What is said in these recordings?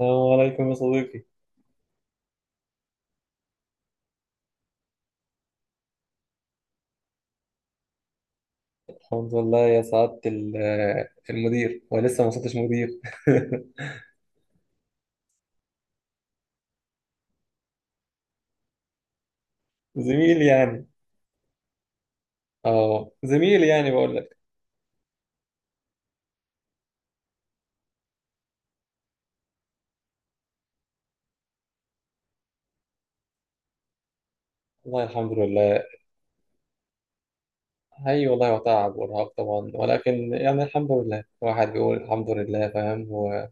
السلام عليكم يا صديقي. الحمد لله يا سعادة المدير، ولسه ما وصلتش مدير. زميل يعني. اه زميل يعني بقول لك. والله الحمد لله. اي والله، وتعب وارهاق طبعا، ولكن يعني الحمد لله، الواحد بيقول الحمد لله، فاهم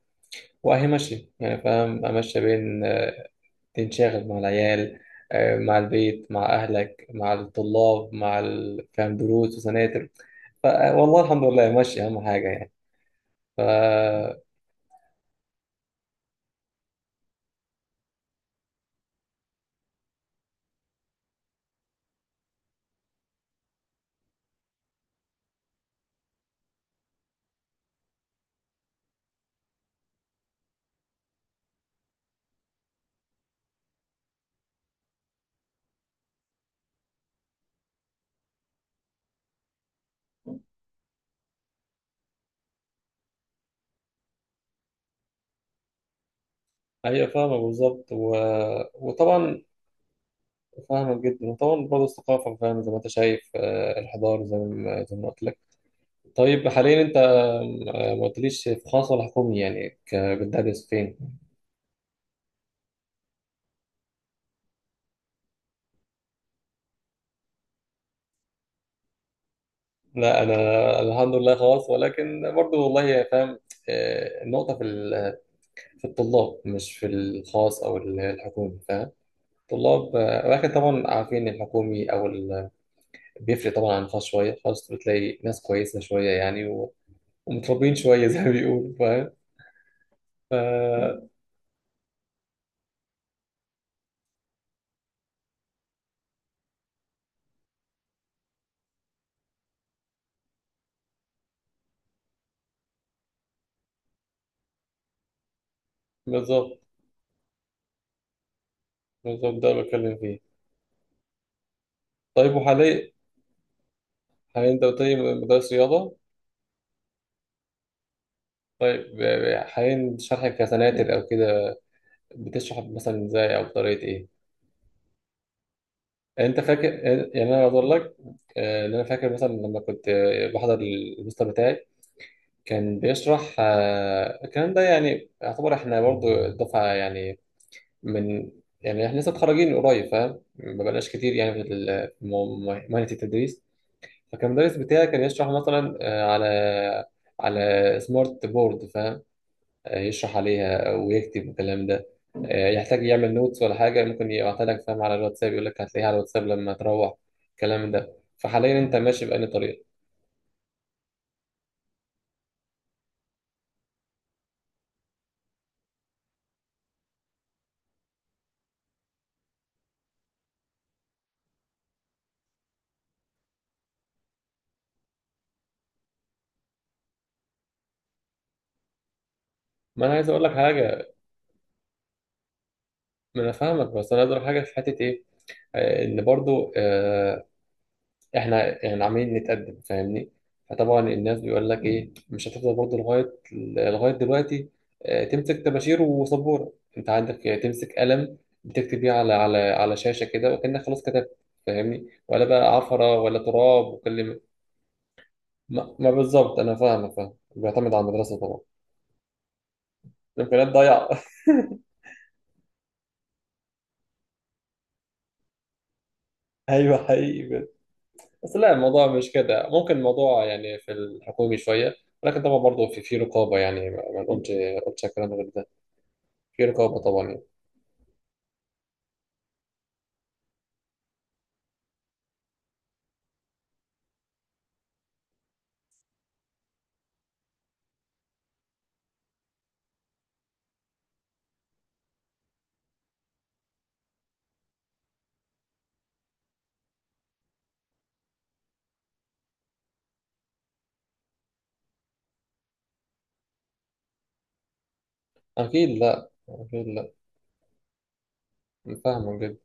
واهي ماشي يعني، فاهم، امشي بين تنشغل مع العيال، مع البيت، مع اهلك، مع الطلاب، فاهم دروس وسناتر. والله الحمد لله، ماشي، اهم حاجة يعني. ف هي فاهمة بالظبط وطبعا، فاهمة جدا، وطبعا برضه الثقافة، فاهمة زي ما أنت شايف، الحضارة زي ما قلت لك. طيب، حاليا أنت ما قلتليش في خاص ولا حكومي، يعني بتدرس فين؟ لا، أنا الحمد لله خاص، ولكن برضه والله فاهم. النقطة في الطلاب، مش في الخاص الحكومي، فاهم؟ طلاب، ولكن طبعا عارفين الحكومي بيفرق طبعا عن الخاص شوية. الخاص بتلاقي ناس كويسة شوية يعني، متربيين شوية زي ما بيقولوا، فاهم. ف- بالظبط، بالظبط ده اللي بتكلم فيه. طيب، حاليا انت قلت لي مدرس رياضة. طيب، حاليا شرحك كسناتر او كده، بتشرح مثلا ازاي، او بطريقة ايه؟ انت فاكر، يعني انا اقول لك ان انا فاكر مثلا لما كنت بحضر المستر بتاعي، كان بيشرح الكلام ده، يعني يعتبر احنا برضو دفعة يعني، من يعني احنا لسه متخرجين قريب، فاهم، ما بقناش كتير يعني في مهنة التدريس. فكان المدرس بتاعي كان يشرح مثلا على سمارت بورد، فاهم. يشرح عليها ويكتب الكلام ده، يحتاج يعمل نوتس ولا حاجة، ممكن يبعتها لك، فاهم، على الواتساب، يقول لك هتلاقيها على الواتساب لما تروح الكلام ده. فحاليا انت ماشي بأنهي طريقة؟ ما انا عايز اقول لك حاجة، ما انا فاهمك، بس انا عايز اقول لك حاجة في حتة ايه، ان برضو احنا يعني عمالين نتقدم، فاهمني. فطبعا الناس بيقول لك ايه، مش هتفضل برضه لغايه دلوقتي تمسك طباشير وسبوره، انت عندك تمسك قلم، بتكتب بيه على شاشه كده، وكانك خلاص كتبت، فاهمني، ولا بقى عفره ولا تراب وكلمه. ما بالظبط انا فاهم، فاهم بيعتمد على المدرسه طبعا. الامكانيات ضايعه. ايوه، حقيقي، بجد. بس لا، الموضوع مش كده، ممكن الموضوع يعني في الحكومي شويه، ولكن طبعا برضه في رقابه، يعني ما نقولش كلام غير ده، في رقابة طبعا. أكيد لا، أكيد لا، أنا فاهمك جدا.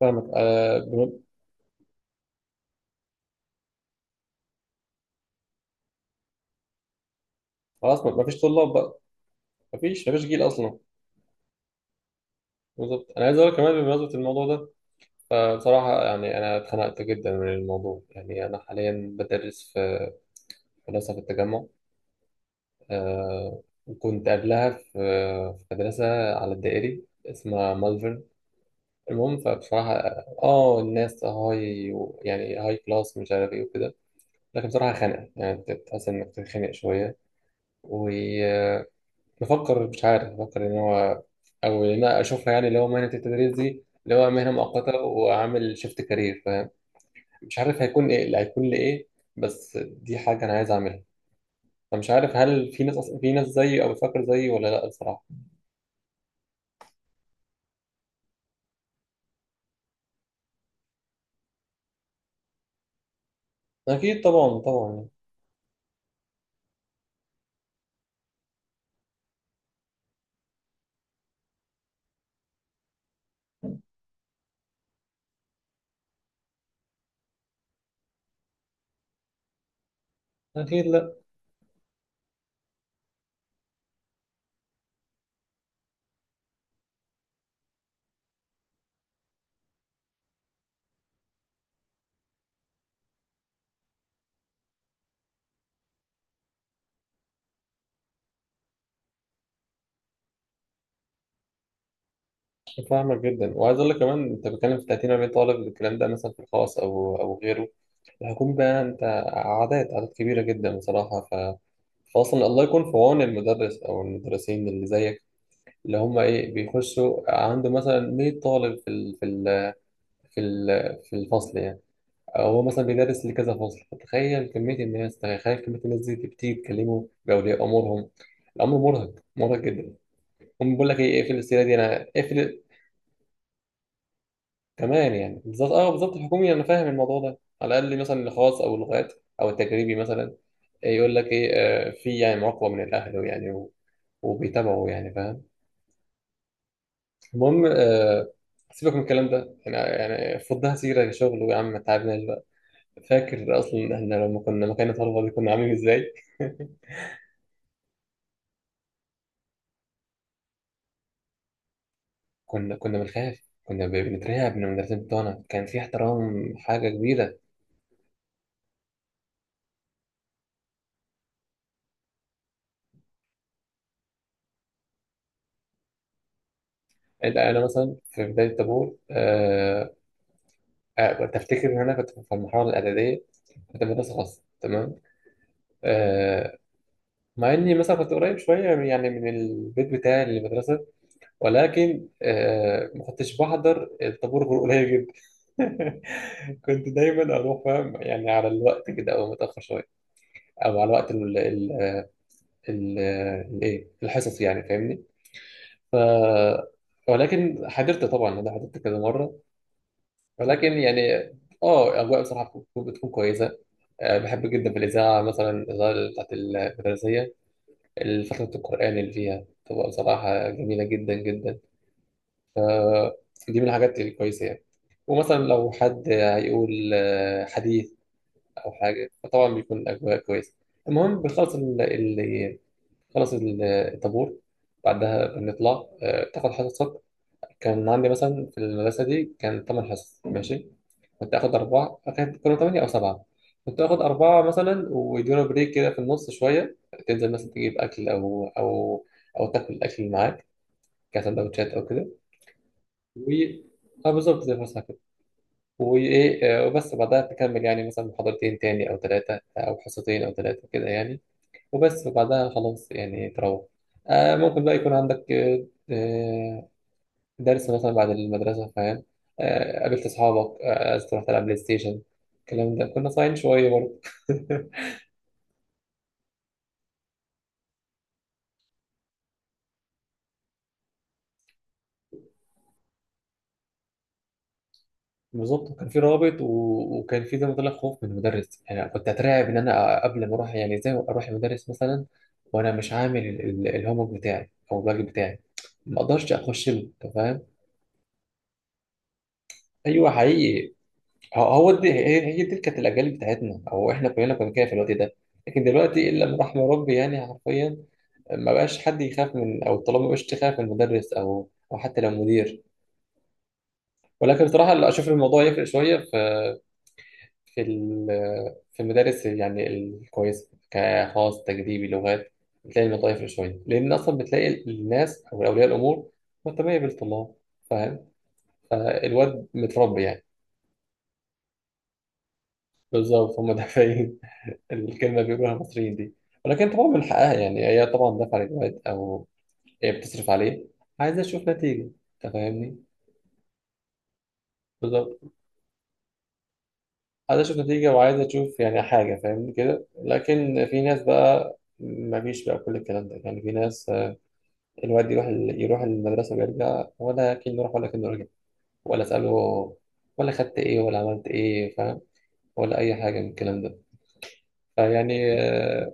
فاهمك آه بن- خلاص، ما فيش طلاب بقى، ما فيش جيل أصلا. بالظبط، أنا عايز أقول كمان بمناسبة الموضوع ده، فبصراحة يعني أنا اتخنقت جدا من الموضوع، يعني أنا حاليا بدرس في مدرسة في التجمع، آه وكنت قبلها في مدرسة على الدائري اسمها مالفرن. المهم، فبصراحة، اه الناس هاي، يعني هاي كلاس، مش عارف ايه وكده، لكن بصراحة خانقة، يعني بتحس انك تتخانق شوية. وبفكر، مش عارف، بفكر ان هو، او ان انا اشوفها يعني، اللي هو مهنه التدريس دي، اللي هو مهنه مؤقته، واعمل شيفت كارير، فاهم، مش عارف هيكون ايه، اللي هيكون لي ايه، بس دي حاجه انا عايز اعملها. فمش عارف، هل في ناس في ناس زيي او بتفكر زيي ولا لا الصراحه. اكيد طبعا، طبعا اكيد، لا. فاهمك جدا، وعايز اقول لك كمان، انت بتتكلم في 30 40 طالب، الكلام ده مثلا في الخاص او غيره، هيكون بقى انت، عادات عادات كبيرة جدا بصراحة. فأصلا الله يكون في عون المدرس أو المدرسين اللي زيك، اللي هم إيه، بيخشوا عنده مثلا 100 طالب في ال... في الفصل يعني، أو هو مثلا بيدرس لكذا فصل. تخيل كمية الناس، تخيل كمية الناس دي بتيجي تكلمه بأولياء أمورهم، الأمر مرهق، مرهق جدا. هم بيقول لك إيه، اقفل السيرة دي أنا اقفل، كمان يعني، بالظبط، بالظبط الحكومي. انا فاهم الموضوع ده، على الاقل مثلا الخاص او اللغات او التجريبي مثلا، يقول لك ايه، في يعني مراقبه من الاهل يعني وبيتابعوا يعني، فاهم. المهم، سيبك من الكلام ده يعني، يعني فضها سيره شغل، ويا عم ما تعبناش بقى. فاكر اصلا احنا لما كنا مكان الطلبه دي كنا عاملين ازاي؟ كنا بنخاف، كنا بنترعب من المدرسين بتوعنا، كان في احترام، حاجه كبيره. انا مثلا في بدايه الطابور، كنت أفتكر إن أنا كنت في المرحلة الإعدادية، كنت في مدرسة خاصة، تمام، آه مع إني مثلا كنت قريب شوية يعني من البيت بتاعي للمدرسة، ولكن ما كنتش بحضر الطابور غير قليل جدا. كنت دايما أروح، فاهم، يعني على الوقت كده أو متأخر شوية، أو على وقت ال ال ال الإيه الحصص يعني، فاهمني. ف ولكن حضرت طبعا، أنا حضرت كذا مرة، ولكن يعني، اه اجواء بصراحه بتكون كويسه، بحب جدا في الإذاعة، مثلا الإذاعة بتاعت المدرسية، الفترة القرآن اللي فيها تبقى بصراحة جميلة جدا جدا. فدي من الحاجات الكويسة يعني، ومثلا لو حد هيقول، حديث أو حاجة، فطبعا بيكون أجواء كويسة. المهم، بنخلص خلص الطابور، بعدها بنطلع، تاخد حصصك. كان عندي مثلا في المدرسة دي كان تمن حصص، ماشي، كنت آخد أربعة، كانوا تمانية أو سبعة، كنت آخد أربعة مثلا، ويدونا بريك كده في النص شوية. تنزل مثلا تجيب أكل، أو تاكل الأكل اللي معاك، كسندوتشات أو كده، و أه بالظبط زي الفسحة كده. وإيه آه، وبس بعدها تكمل، يعني مثلا محاضرتين تاني أو تلاتة، أو حصتين أو تلاتة كده يعني، وبس. وبعدها خلاص يعني تروح، ممكن بقى يكون عندك آه، درس مثلا بعد المدرسة، فاهم، قابلت أصحابك، رحت ألعب بلاي ستيشن، الكلام ده كنا صايعين شوية برضه. بالظبط، كان في رابط، وكان في زي ما قلت لك خوف من المدرس يعني، كنت أترعب إن أنا قبل ما أروح، يعني إزاي أروح المدرس مثلا وأنا مش عامل الهومورك بتاعي أو الواجب بتاعي، ما أقدرش أخش له. أنت فاهم؟ أيوه، حقيقي، هو هو دي هي هي دي كانت الأجيال بتاعتنا، أو إحنا كلنا كنا كده في الوقت ده. لكن دلوقتي، إلا من رحم ربي يعني، حرفيا ما بقاش حد يخاف او الطلاب، ما بقاش تخاف من مدرس او حتى لو مدير. ولكن بصراحه لا، اشوف الموضوع يفرق شويه في المدارس يعني الكويسه كخاص تجريبي لغات، بتلاقي الموضوع يفرق شويه، لان اصلا بتلاقي الناس او اولياء الامور مهتميه بالطلاب، فاهم، فالواد متربي يعني. بالظبط، هم دافعين. الكلمه بيقولوها المصريين دي. ولكن طبعا من حقها يعني، هي طبعا دافعه للواد، او هي بتصرف عليه، عايزه تشوف نتيجه، انت فاهمني. بالظبط، عايز اشوف نتيجة، وعايز اشوف يعني حاجة، فاهمني كده. لكن في ناس بقى مفيش بقى كل الكلام ده يعني، في ناس الواد يروح يروح المدرسة ويرجع، ولا كأنه راح ولا كأنه رجع، ولا اسأله، ولا خدت ايه ولا عملت ايه، فاهم، ولا اي حاجة من الكلام ده. فيعني،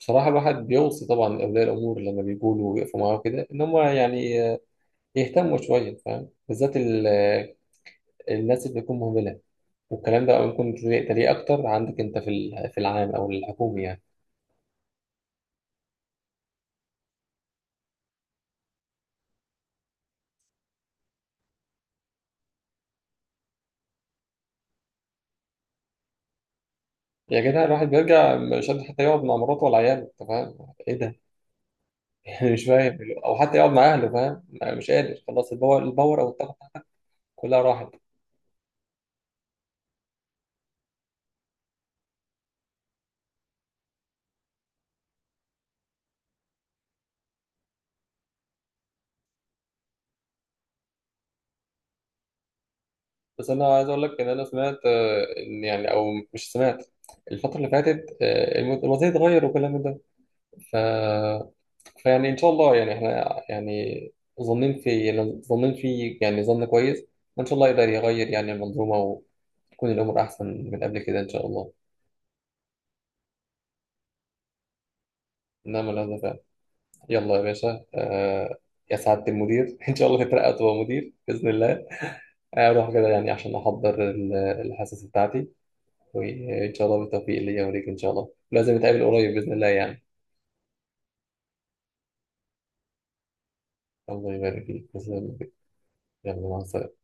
بصراحة الواحد بيوصي طبعا أولياء الأمور لما بيقولوا ويقفوا معاه كده إن هم يعني يهتموا شوية، فاهم، بالذات الناس اللي بتكون مهملة، والكلام ده ممكن تلاقيه أكتر عندك أنت في العام أو الحكومي يعني. يا جدع، الواحد بيرجع مش قادر حتى يقعد مع مراته ولا عياله، انت فاهم ايه ده؟ يعني مش فاهم، او حتى يقعد مع اهله، فاهم، أنا مش قادر خلاص. الباور او الطاقه كلها راحت. بس انا عايز اقول لك ان انا سمعت ان يعني، او مش سمعت، الفتره اللي فاتت، الوضع اتغير وكل من ده، ف... فيعني ان شاء الله يعني احنا يعني ظنين في، يعني ظن كويس، وان شاء الله يقدر يغير يعني المنظومه، وتكون الامور احسن من قبل كده ان شاء الله. نعم، هذا فعلا. يلا يا باشا، يا سعادة المدير، إن شاء الله تترقى وتبقى مدير بإذن الله، أروح كده يعني عشان أحضر الحصص بتاعتي. وإن شاء الله بالتوفيق ليا وليك، إن شاء الله لازم نتقابل قريب بإذن الله يعني. الله يبارك فيك، تسلم يا كبير. يلا، مع السلامة.